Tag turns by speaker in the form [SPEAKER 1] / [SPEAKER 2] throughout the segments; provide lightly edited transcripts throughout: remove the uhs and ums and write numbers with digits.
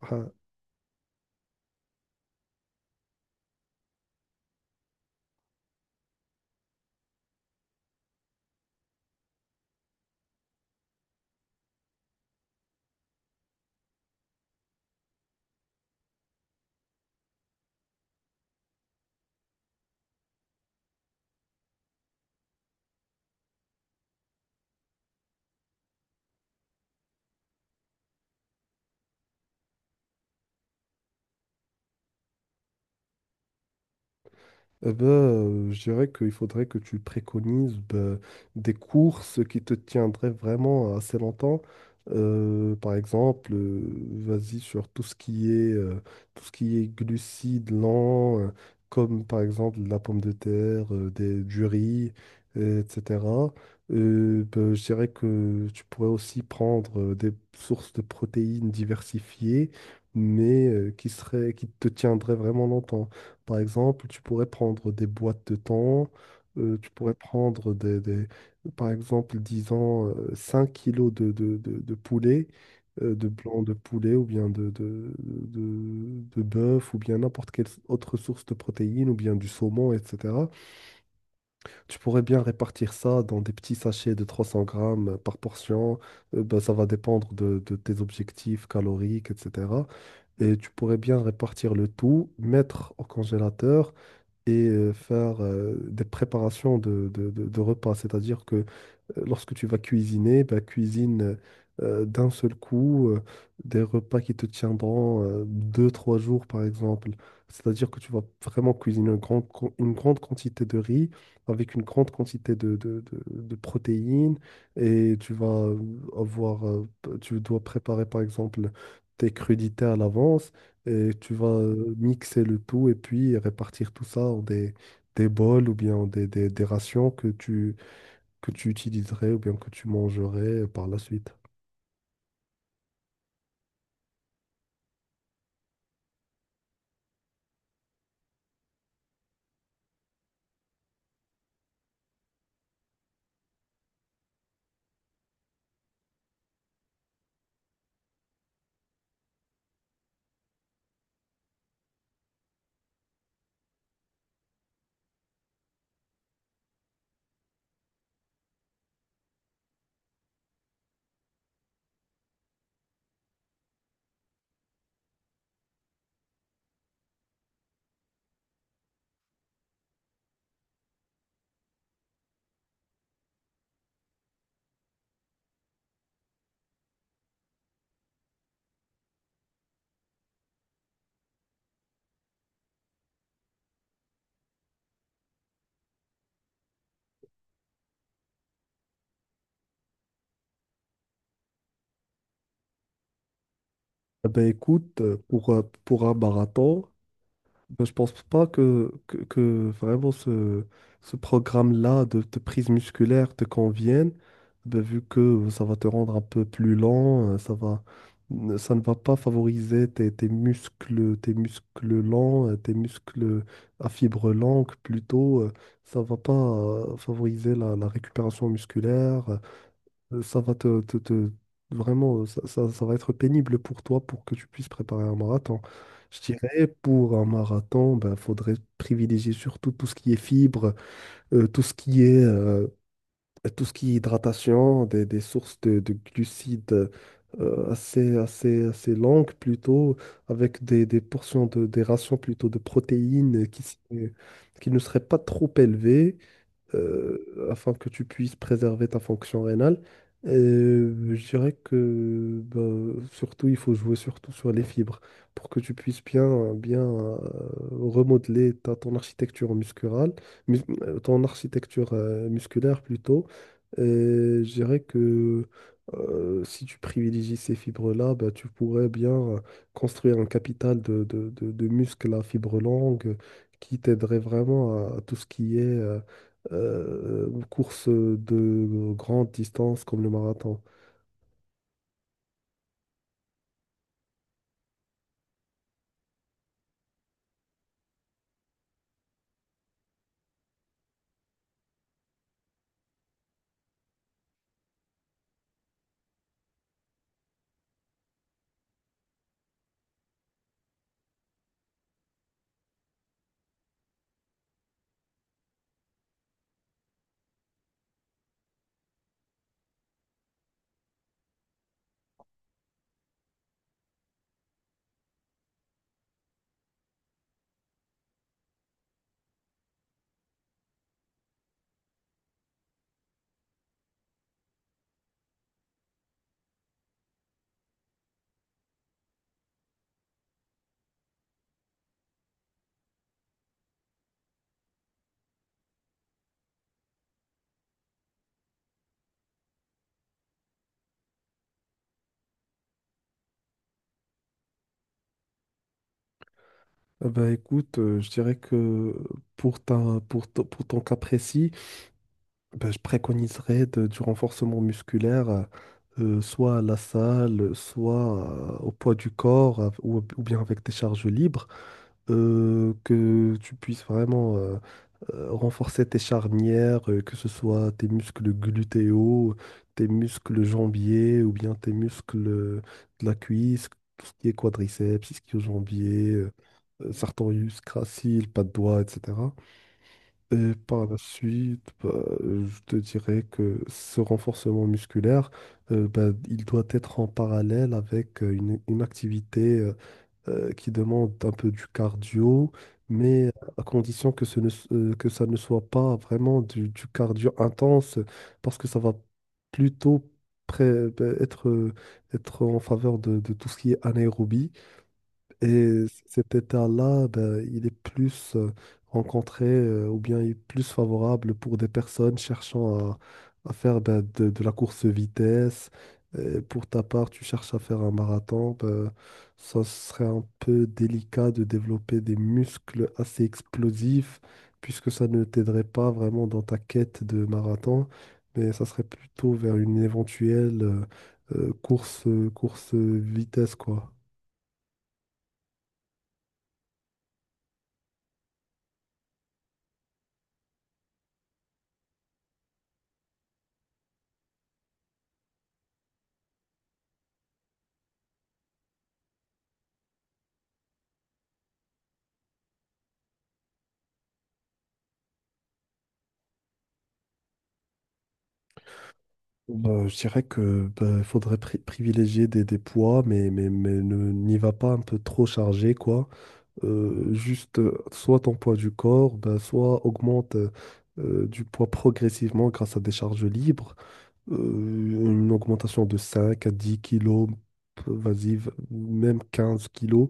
[SPEAKER 1] Ah, je dirais qu'il faudrait que tu préconises des courses qui te tiendraient vraiment assez longtemps. Par exemple, vas-y sur tout ce qui est, tout ce qui est glucides lents, comme par exemple la pomme de terre, du riz, etc. Je dirais que tu pourrais aussi prendre des sources de protéines diversifiées, mais qui te tiendraient vraiment longtemps. Par exemple, tu pourrais prendre des boîtes de temps, tu pourrais prendre par exemple, disons, 5 kilos de poulet, de blanc de poulet ou bien de bœuf ou bien n'importe quelle autre source de protéines ou bien du saumon, etc. Tu pourrais bien répartir ça dans des petits sachets de 300 grammes par portion. Ça va dépendre de tes objectifs caloriques, etc. Et tu pourrais bien répartir le tout, mettre au congélateur et faire des préparations de repas. C'est-à-dire que lorsque tu vas cuisiner, bah, cuisine d'un seul coup des repas qui te tiendront deux, trois jours, par exemple. C'est-à-dire que tu vas vraiment cuisiner une grande quantité de riz avec une grande quantité de protéines et tu vas avoir, tu dois préparer, par exemple, tes crudités à l'avance et tu vas mixer le tout et puis répartir tout ça en des bols ou bien en des rations que tu utiliserais ou bien que tu mangerais par la suite. Eh ben écoute, pour un marathon, ben, je pense pas que vraiment ce programme-là de prise musculaire te convienne, ben, vu que ça va te rendre un peu plus lent, ça ne va pas favoriser tes muscles lents, tes muscles à fibre longue plutôt. Ça va pas favoriser la récupération musculaire. Ça va te, te- te- Vraiment, ça va être pénible pour toi pour que tu puisses préparer un marathon. Je dirais, pour un marathon, ben, faudrait privilégier surtout tout ce qui est fibres, euh, tout ce qui est, euh, tout ce qui est hydratation, des sources de glucides assez longues plutôt, avec des rations plutôt de protéines qui ne seraient pas trop élevées afin que tu puisses préserver ta fonction rénale. Je dirais que bah, surtout, il faut jouer surtout sur les fibres pour que tu puisses bien remodeler ton architecture muscurale, ton architecture musculaire plutôt. Et je dirais que si tu privilégies ces fibres-là, bah, tu pourrais bien construire un capital de muscles à fibres longues qui t'aiderait vraiment à tout ce qui est une course de grande distance comme le marathon. Eh ben écoute, je dirais que pour pour ton cas précis, ben, je préconiserais du renforcement musculaire, soit à la salle, soit au poids du corps, ou bien avec des charges libres, que tu puisses vraiment renforcer tes charnières, que ce soit tes muscles glutéaux, tes muscles jambiers ou bien tes muscles de la cuisse, tout ce qui est quadriceps, ischio-jambier, sartorius, gracile, pas de doigts, etc. Et par la suite, je te dirais que ce renforcement musculaire, il doit être en parallèle avec une activité qui demande un peu du cardio, mais à condition que, ce ne s- que ça ne soit pas vraiment du cardio intense, parce que ça va plutôt pré- être, être en faveur de tout ce qui est anaérobie. Et cet état-là, ben, il est plus rencontré ou bien il est plus favorable pour des personnes cherchant à faire ben, de la course vitesse. Et pour ta part, tu cherches à faire un marathon, ben, ça serait un peu délicat de développer des muscles assez explosifs puisque ça ne t'aiderait pas vraiment dans ta quête de marathon, mais ça serait plutôt vers une éventuelle course, course vitesse, quoi. Je dirais que bah, faudrait privilégier des poids, mais ne n'y va pas un peu trop chargé, quoi. Juste Soit ton poids du corps, bah, soit augmente du poids progressivement grâce à des charges libres. Une augmentation de 5 à 10 kilos, vas-y, même 15 kilos.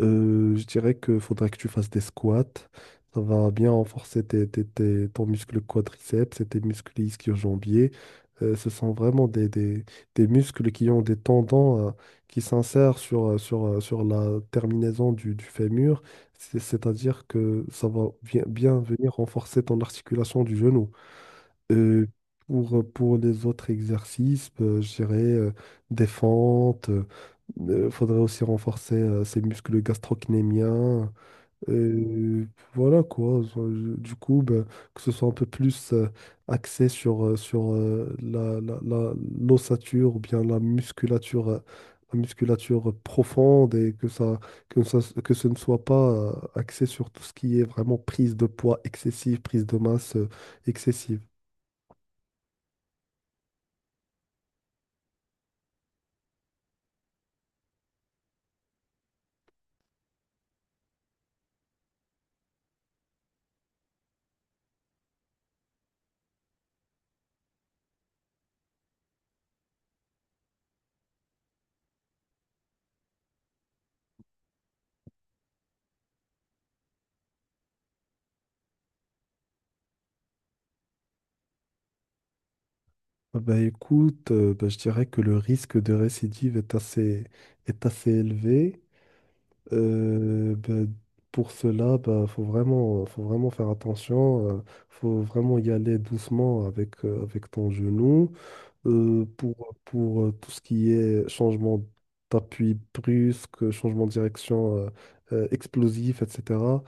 [SPEAKER 1] Je dirais qu'il faudrait que tu fasses des squats. Ça va bien renforcer ton muscle quadriceps et tes muscles ischio-jambiers. Ce sont vraiment des muscles qui ont des tendons qui s'insèrent sur la terminaison du fémur. C'est-à-dire que ça va bien venir renforcer ton articulation du genou. Euh, pour les autres exercices, je dirais des fentes. Il faudrait aussi renforcer ses muscles gastrocnémiens. Euh, voilà quoi. Du coup, ben, que ce soit un peu plus axé sur, sur l'ossature ou bien la musculature profonde et que ça, que ce ne soit pas axé sur tout ce qui est vraiment prise de poids excessive, prise de masse excessive. Ah bah écoute, je dirais que le risque de récidive est est assez élevé. Euh, bah, pour cela, bah, faut vraiment faire attention. Faut vraiment y aller doucement avec ton genou. Pour tout ce qui est changement d'appui brusque, changement de direction explosif, etc.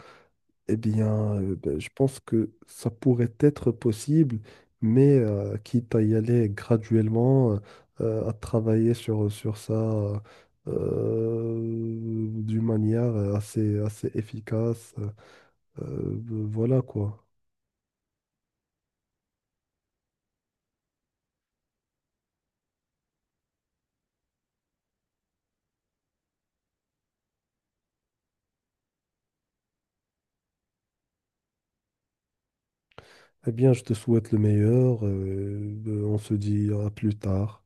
[SPEAKER 1] Eh bien, je pense que ça pourrait être possible, mais quitte à y aller graduellement, à travailler sur ça euh, d'une manière assez efficace. euh, voilà quoi. Eh bien, je te souhaite le meilleur. On se dit à plus tard.